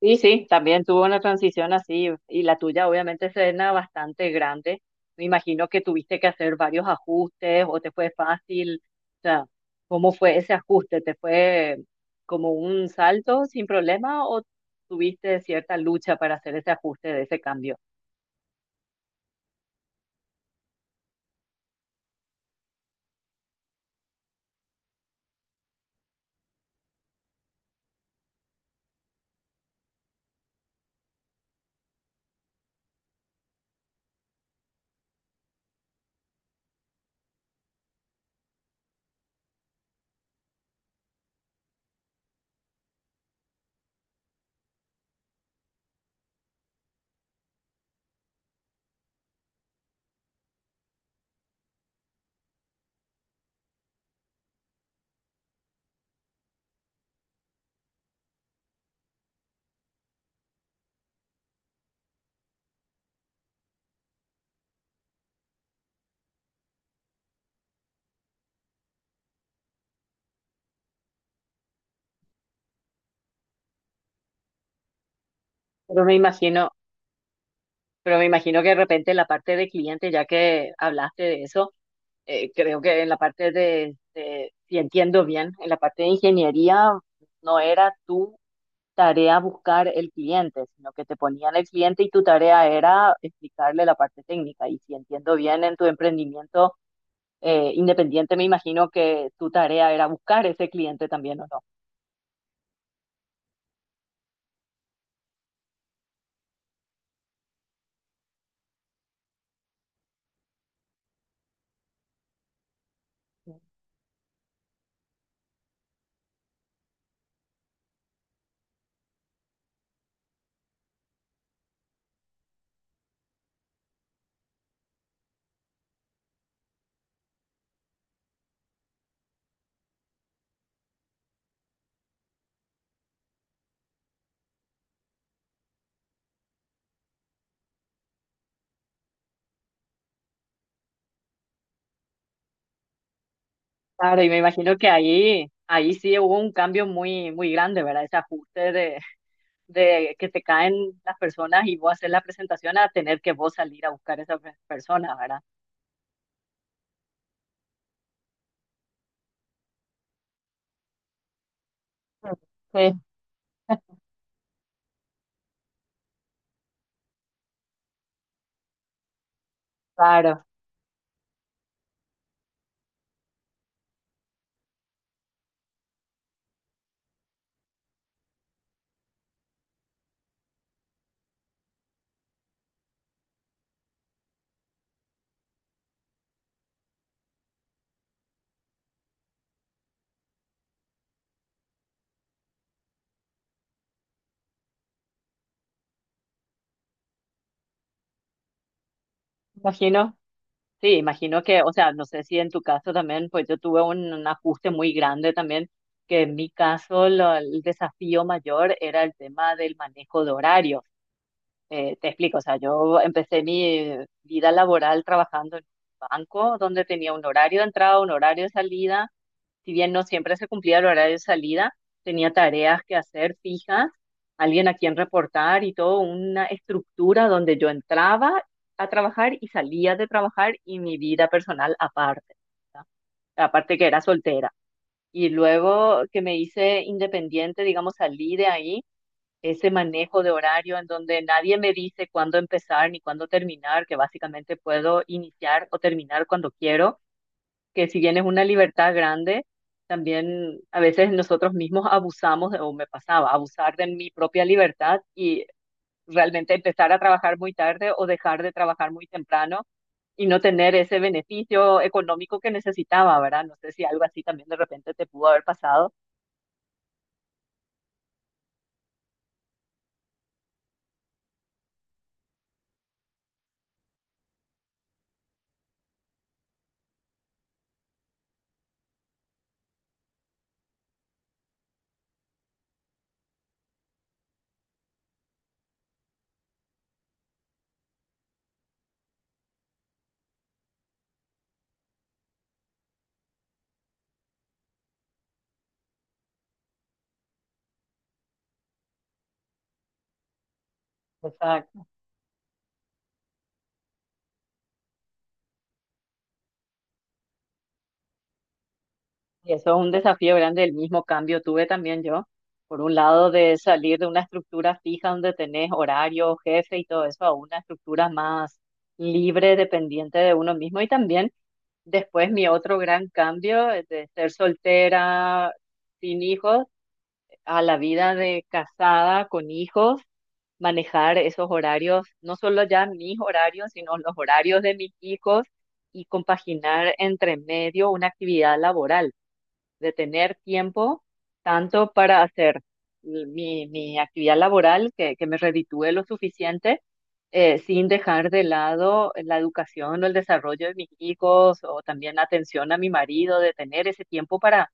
Sí, sí, también tuvo una transición así y la tuya obviamente serena bastante grande. Me imagino que tuviste que hacer varios ajustes o te fue fácil. O sea, ¿cómo fue ese ajuste? ¿Te fue como un salto sin problema o tuviste cierta lucha para hacer ese ajuste de ese cambio? Pero me imagino, pero me imagino que de repente la parte de cliente, ya que hablaste de eso, creo que en la parte de, si entiendo bien, en la parte de ingeniería no era tú tarea buscar el cliente, sino que te ponían el cliente y tu tarea era explicarle la parte técnica. Y si entiendo bien, en tu emprendimiento independiente, me imagino que tu tarea era buscar ese cliente también, ¿o no? Claro, y me imagino que ahí sí hubo un cambio muy, muy grande, ¿verdad? Ese ajuste de que te caen las personas y vos hacer la presentación a tener que vos salir a buscar a esas personas, ¿verdad? Sí, claro. Imagino. Sí, imagino que, o sea, no sé si en tu caso también, pues yo tuve un ajuste muy grande también, que en mi caso lo- el desafío mayor era el tema del manejo de horarios. Te explico, o sea, yo empecé mi vida laboral trabajando en un banco donde tenía un horario de entrada, un horario de salida. Si bien no siempre se cumplía el horario de salida, tenía tareas que hacer fijas, alguien a quien reportar y todo, una estructura donde yo entraba a trabajar y salía de trabajar y mi vida personal aparte, ¿verdad? Aparte que era soltera. Y luego que me hice independiente, digamos, salí de ahí, ese manejo de horario en donde nadie me dice cuándo empezar ni cuándo terminar, que básicamente puedo iniciar o terminar cuando quiero, que si bien es una libertad grande, también a veces nosotros mismos abusamos, de- o me pasaba, abusar de mi propia libertad y realmente empezar a trabajar muy tarde o dejar de trabajar muy temprano y no tener ese beneficio económico que necesitaba, ¿verdad? No sé si algo así también de repente te pudo haber pasado. Exacto. Y eso es un desafío grande, el mismo cambio tuve también yo, por un lado de salir de una estructura fija donde tenés horario, jefe y todo eso, a una estructura más libre, dependiente de uno mismo y también después mi otro gran cambio, de ser soltera, sin hijos, a la vida de casada, con hijos, manejar esos horarios, no solo ya mis horarios, sino los horarios de mis hijos y compaginar entre medio una actividad laboral, de tener tiempo tanto para hacer mi, mi actividad laboral, que me reditúe lo suficiente, sin dejar de lado la educación o el desarrollo de mis hijos o también la atención a mi marido, de tener ese tiempo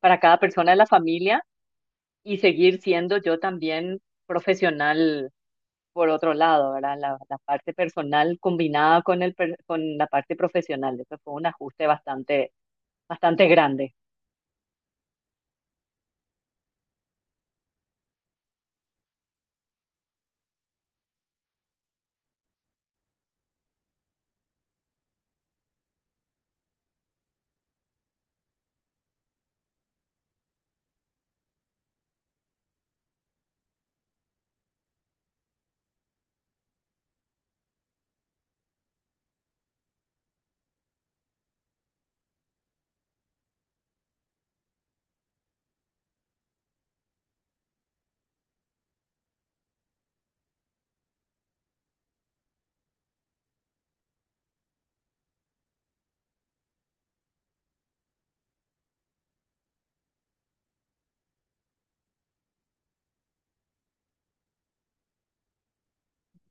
para cada persona de la familia y seguir siendo yo también profesional por otro lado, ¿verdad? La parte personal combinada con el, per- con la parte profesional. Eso fue un ajuste bastante, bastante grande.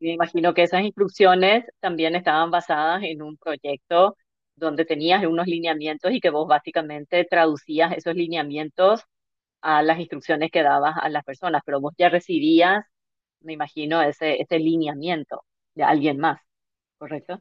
Me imagino que esas instrucciones también estaban basadas en un proyecto donde tenías unos lineamientos y que vos básicamente traducías esos lineamientos a las instrucciones que dabas a las personas, pero vos ya recibías, me imagino, ese lineamiento de alguien más, ¿correcto?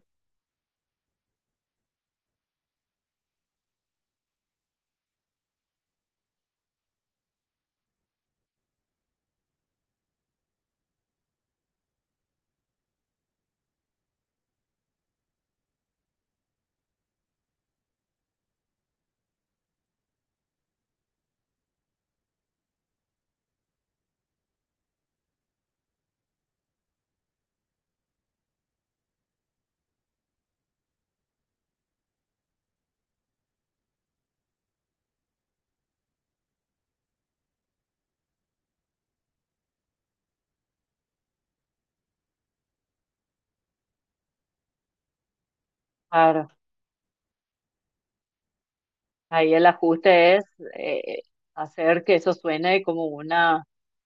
Ahí el ajuste es eh, hacer que eso suene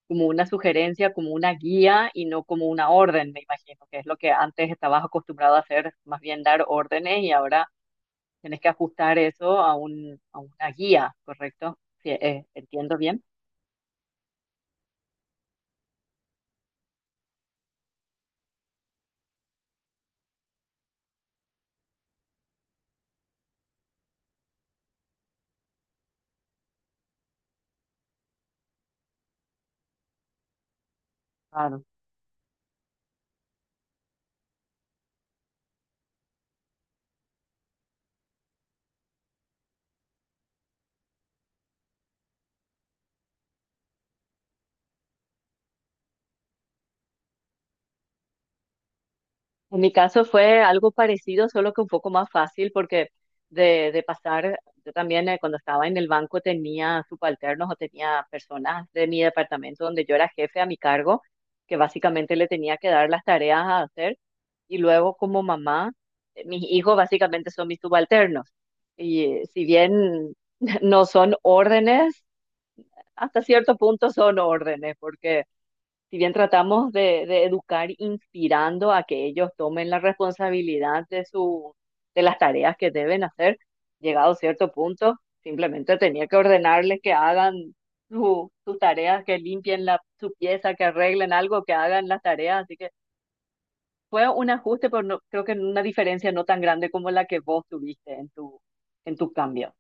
como una sugerencia, como una guía y no como una orden, me imagino, que es lo que antes estabas acostumbrado a hacer, más bien dar órdenes y ahora tienes que ajustar eso a un, a una guía, ¿correcto? Sí, ¿entiendo bien? Claro. En mi caso fue algo parecido, solo que un poco más fácil, porque de pasar, yo también, cuando estaba en el banco tenía subalternos o tenía personas de mi departamento donde yo era jefe a mi cargo, que básicamente le tenía que dar las tareas a hacer. Y luego como mamá, mis hijos básicamente son mis subalternos. Y si bien no son órdenes, hasta cierto punto son órdenes, porque si bien tratamos de educar inspirando a que ellos tomen la responsabilidad de su, de las tareas que deben hacer, llegado a cierto punto, simplemente tenía que ordenarles que hagan su- sus tareas, que limpien la, su pieza, que arreglen algo, que hagan las tareas. Así que fue un ajuste, pero no, creo que una diferencia no tan grande como la que vos tuviste en tu cambio.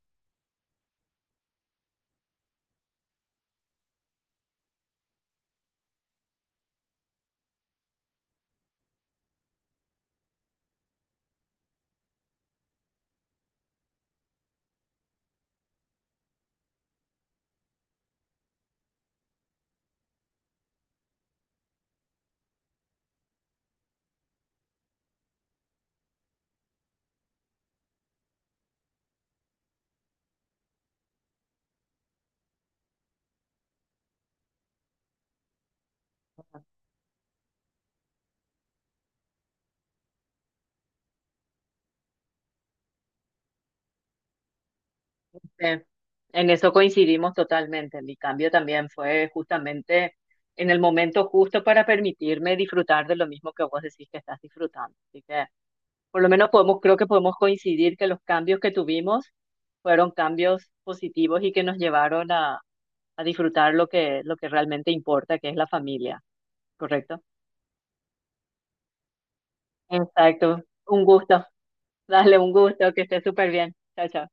Eh, En eso coincidimos totalmente. Mi cambio también fue justamente en el momento justo para permitirme disfrutar de lo mismo que vos decís que estás disfrutando. Así que por lo menos podemos, creo que podemos coincidir que los cambios que tuvimos fueron cambios positivos y que nos llevaron a disfrutar lo que realmente importa, que es la familia, ¿correcto? Exacto. Un gusto. Dale, un gusto, que estés súper bien. Chao, chao.